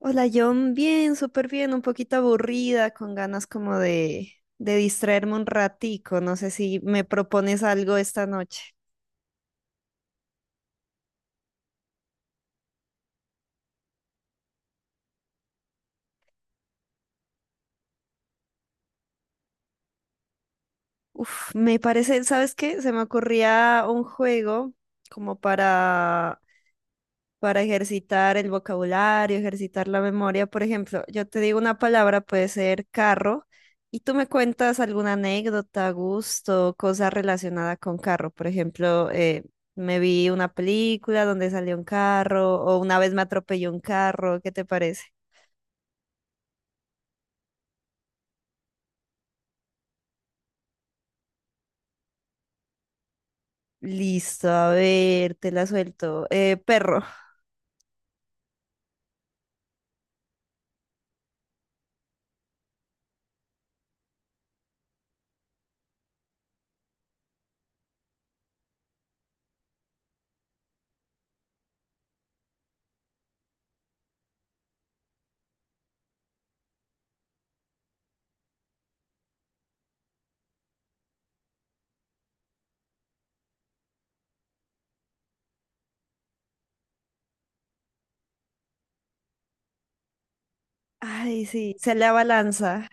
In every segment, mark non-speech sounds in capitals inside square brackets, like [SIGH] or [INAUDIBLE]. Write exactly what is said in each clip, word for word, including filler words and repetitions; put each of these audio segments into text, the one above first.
Hola, John, bien, súper bien, un poquito aburrida, con ganas como de, de distraerme un ratico. No sé si me propones algo esta noche. Uf, me parece, ¿sabes qué? Se me ocurría un juego como para para ejercitar el vocabulario, ejercitar la memoria. Por ejemplo, yo te digo una palabra, puede ser carro, y tú me cuentas alguna anécdota, gusto, cosa relacionada con carro. Por ejemplo, eh, me vi una película donde salió un carro, o una vez me atropelló un carro, ¿qué te parece? Listo, a ver, te la suelto. Eh, perro. Ay, sí, se le abalanza.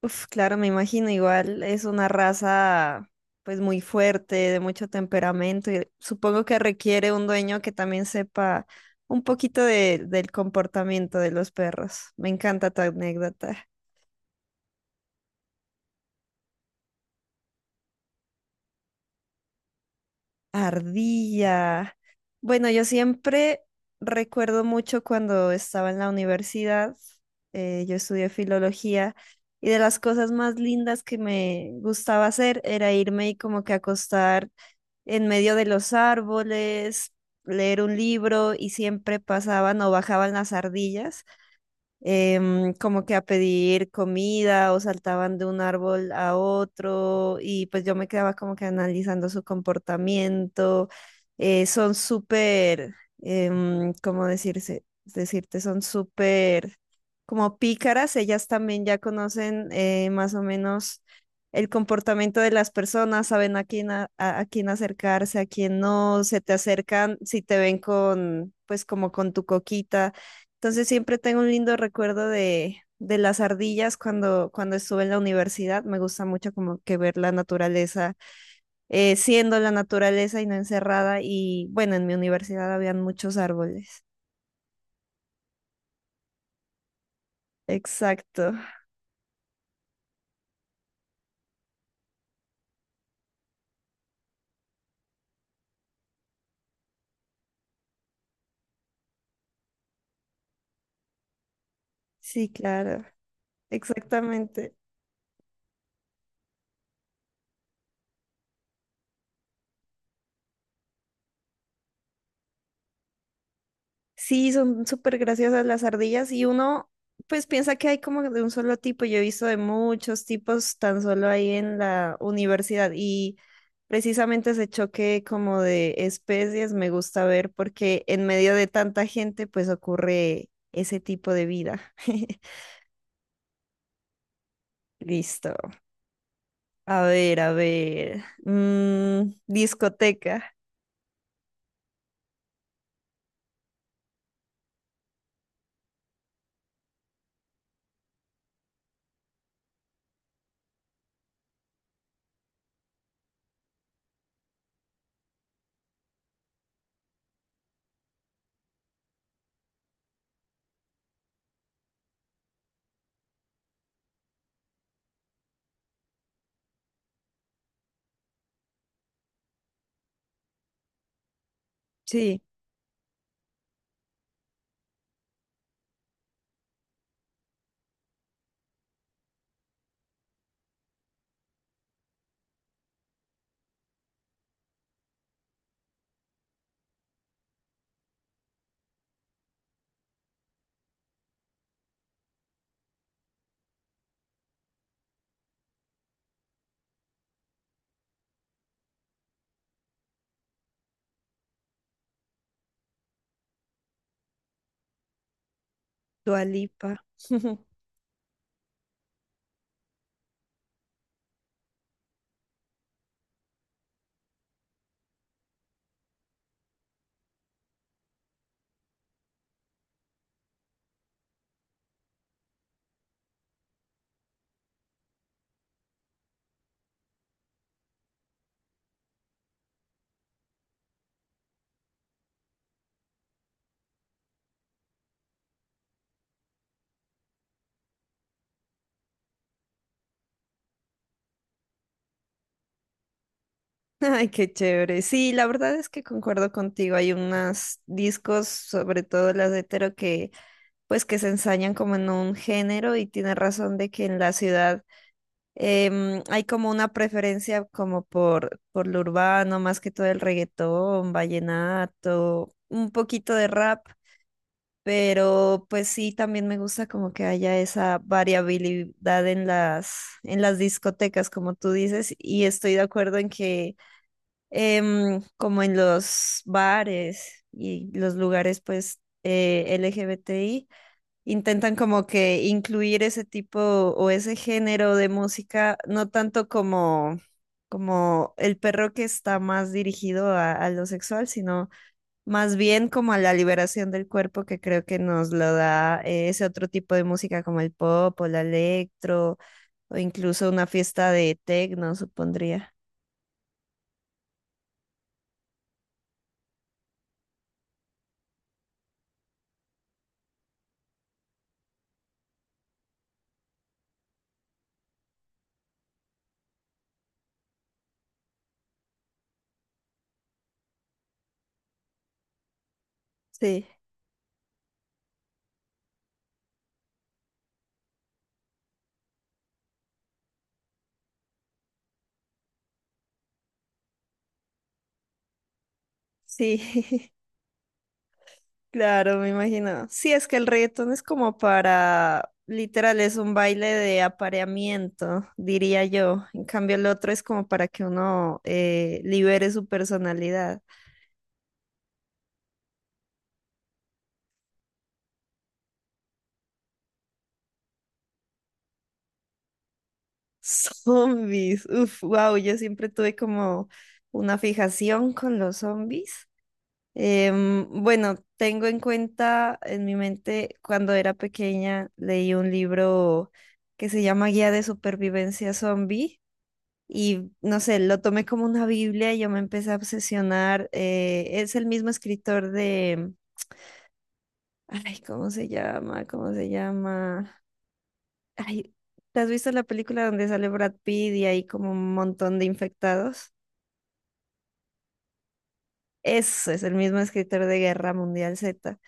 Uf, claro, me imagino, igual es una raza pues muy fuerte, de mucho temperamento, y supongo que requiere un dueño que también sepa un poquito de- del comportamiento de los perros. Me encanta tu anécdota. Ardilla. Bueno, yo siempre recuerdo mucho cuando estaba en la universidad, eh, yo estudié filología. Y de las cosas más lindas que me gustaba hacer era irme y como que acostar en medio de los árboles, leer un libro y siempre pasaban o bajaban las ardillas em, como que a pedir comida o saltaban de un árbol a otro y pues yo me quedaba como que analizando su comportamiento. Eh, son súper, em, ¿cómo decirse? Decirte, son súper como pícaras, ellas también ya conocen eh, más o menos el comportamiento de las personas, saben a quién, a, a- a quién acercarse, a quién no, se te acercan si te ven con, pues como con tu coquita, entonces siempre tengo un lindo recuerdo de, de las ardillas cuando, cuando estuve en la universidad. Me gusta mucho como que ver la naturaleza, eh, siendo la naturaleza y no encerrada. Y bueno, en mi universidad habían muchos árboles. Exacto. Sí, claro. Exactamente. Sí, son súper graciosas las ardillas y uno pues piensa que hay como de un solo tipo. Yo he visto de muchos tipos tan solo ahí en la universidad y precisamente ese choque como de especies me gusta ver porque en medio de tanta gente pues ocurre ese tipo de vida. [LAUGHS] Listo. A ver, a ver. Mm, discoteca. Sí, Dua Lipa. [LAUGHS] Ay, qué chévere. Sí, la verdad es que concuerdo contigo. Hay unos discos, sobre todo las de hetero, que pues que se ensañan como en un género y tiene razón de que en la ciudad em, hay como una preferencia como por, por lo urbano, más que todo el reggaetón, vallenato, un poquito de rap, pero pues sí, también me gusta como que haya esa variabilidad en las, en las discotecas, como tú dices, y estoy de acuerdo en que em, como en los bares y los lugares pues eh, L G B T I, intentan como que incluir ese tipo o ese género de música, no tanto como, como el perro que está más dirigido a, a lo sexual, sino más bien como a la liberación del cuerpo que creo que nos lo da eh, ese otro tipo de música como el pop o la electro o incluso una fiesta de techno, supondría. Sí, sí. [LAUGHS] Claro, me imagino. Sí, es que el reggaetón es como para, literal, es un baile de apareamiento, diría yo. En cambio, el otro es como para que uno eh, libere su personalidad. [LAUGHS] Zombies, uf, wow, yo siempre tuve como una fijación con los zombies. Em, bueno, tengo en cuenta en mi mente cuando era pequeña leí un libro que se llama Guía de Supervivencia Zombie. Y no sé, lo tomé como una Biblia y yo me empecé a obsesionar. Eh, es el mismo escritor de... Ay, ¿cómo se llama? ¿Cómo se llama? Ay, ¿te has visto la película donde sale Brad Pitt y hay como un montón de infectados? Eso es el mismo escritor de Guerra Mundial Z.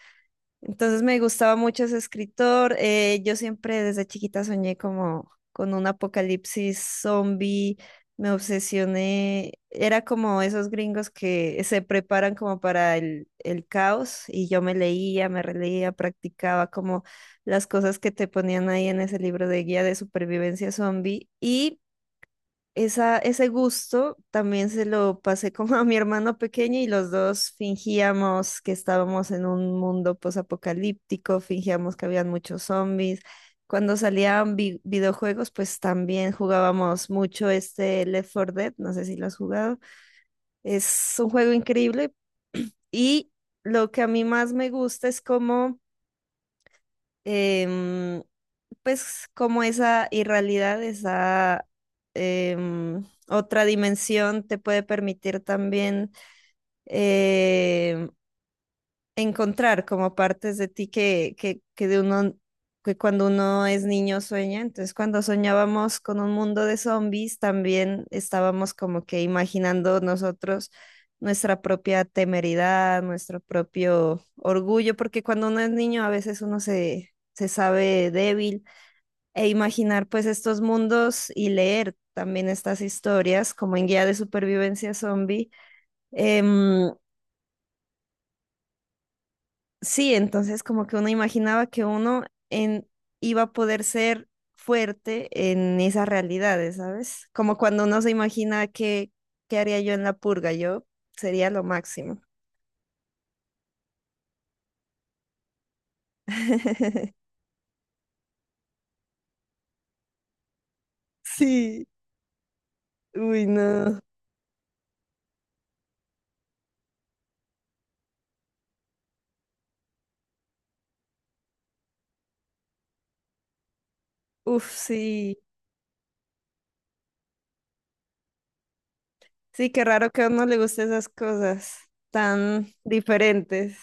Entonces me gustaba mucho ese escritor. Eh, yo siempre desde chiquita soñé como con un apocalipsis zombie. Me obsesioné. Era como esos gringos que se preparan como para el, el caos y yo me leía, me releía, practicaba como las cosas que te ponían ahí en ese libro de guía de supervivencia zombie y esa, ese gusto también se lo pasé como a mi hermano pequeño y los dos fingíamos que estábamos en un mundo posapocalíptico, fingíamos que habían muchos zombies. Cuando salían vi- videojuegos, pues también jugábamos mucho este Left four Dead, no sé si lo has jugado. Es un juego increíble y lo que a mí más me gusta es como em, pues como esa irrealidad, esa em, otra dimensión te puede permitir también em, encontrar como partes de ti que, que, que de uno, que cuando uno es niño sueña. Entonces, cuando soñábamos con un mundo de zombies, también estábamos como que imaginando nosotros nuestra propia temeridad, nuestro propio orgullo, porque cuando uno es niño a veces uno se, se sabe débil e imaginar pues estos mundos y leer también estas historias como en guía de supervivencia zombie. em, Sí, entonces como que uno imaginaba que uno en, iba a poder ser fuerte en esas realidades, ¿sabes? Como cuando uno se imagina que, qué haría yo en la purga, yo sería lo máximo. [LAUGHS] Sí, uy, no. Uf, sí. Sí, qué raro que a uno le guste esas cosas tan diferentes.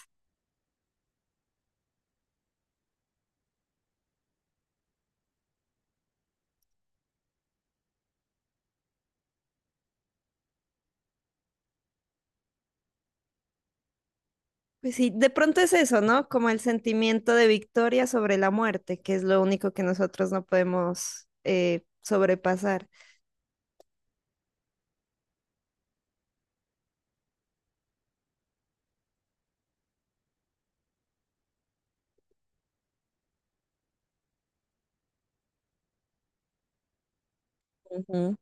Pues sí, de pronto es eso, ¿no? Como el sentimiento de victoria sobre la muerte, que es lo único que nosotros no podemos eh, sobrepasar. Ujú.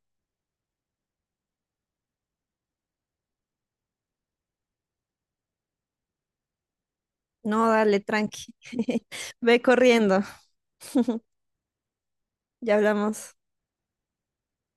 No, dale, tranqui. [LAUGHS] Ve corriendo. [LAUGHS] Ya hablamos.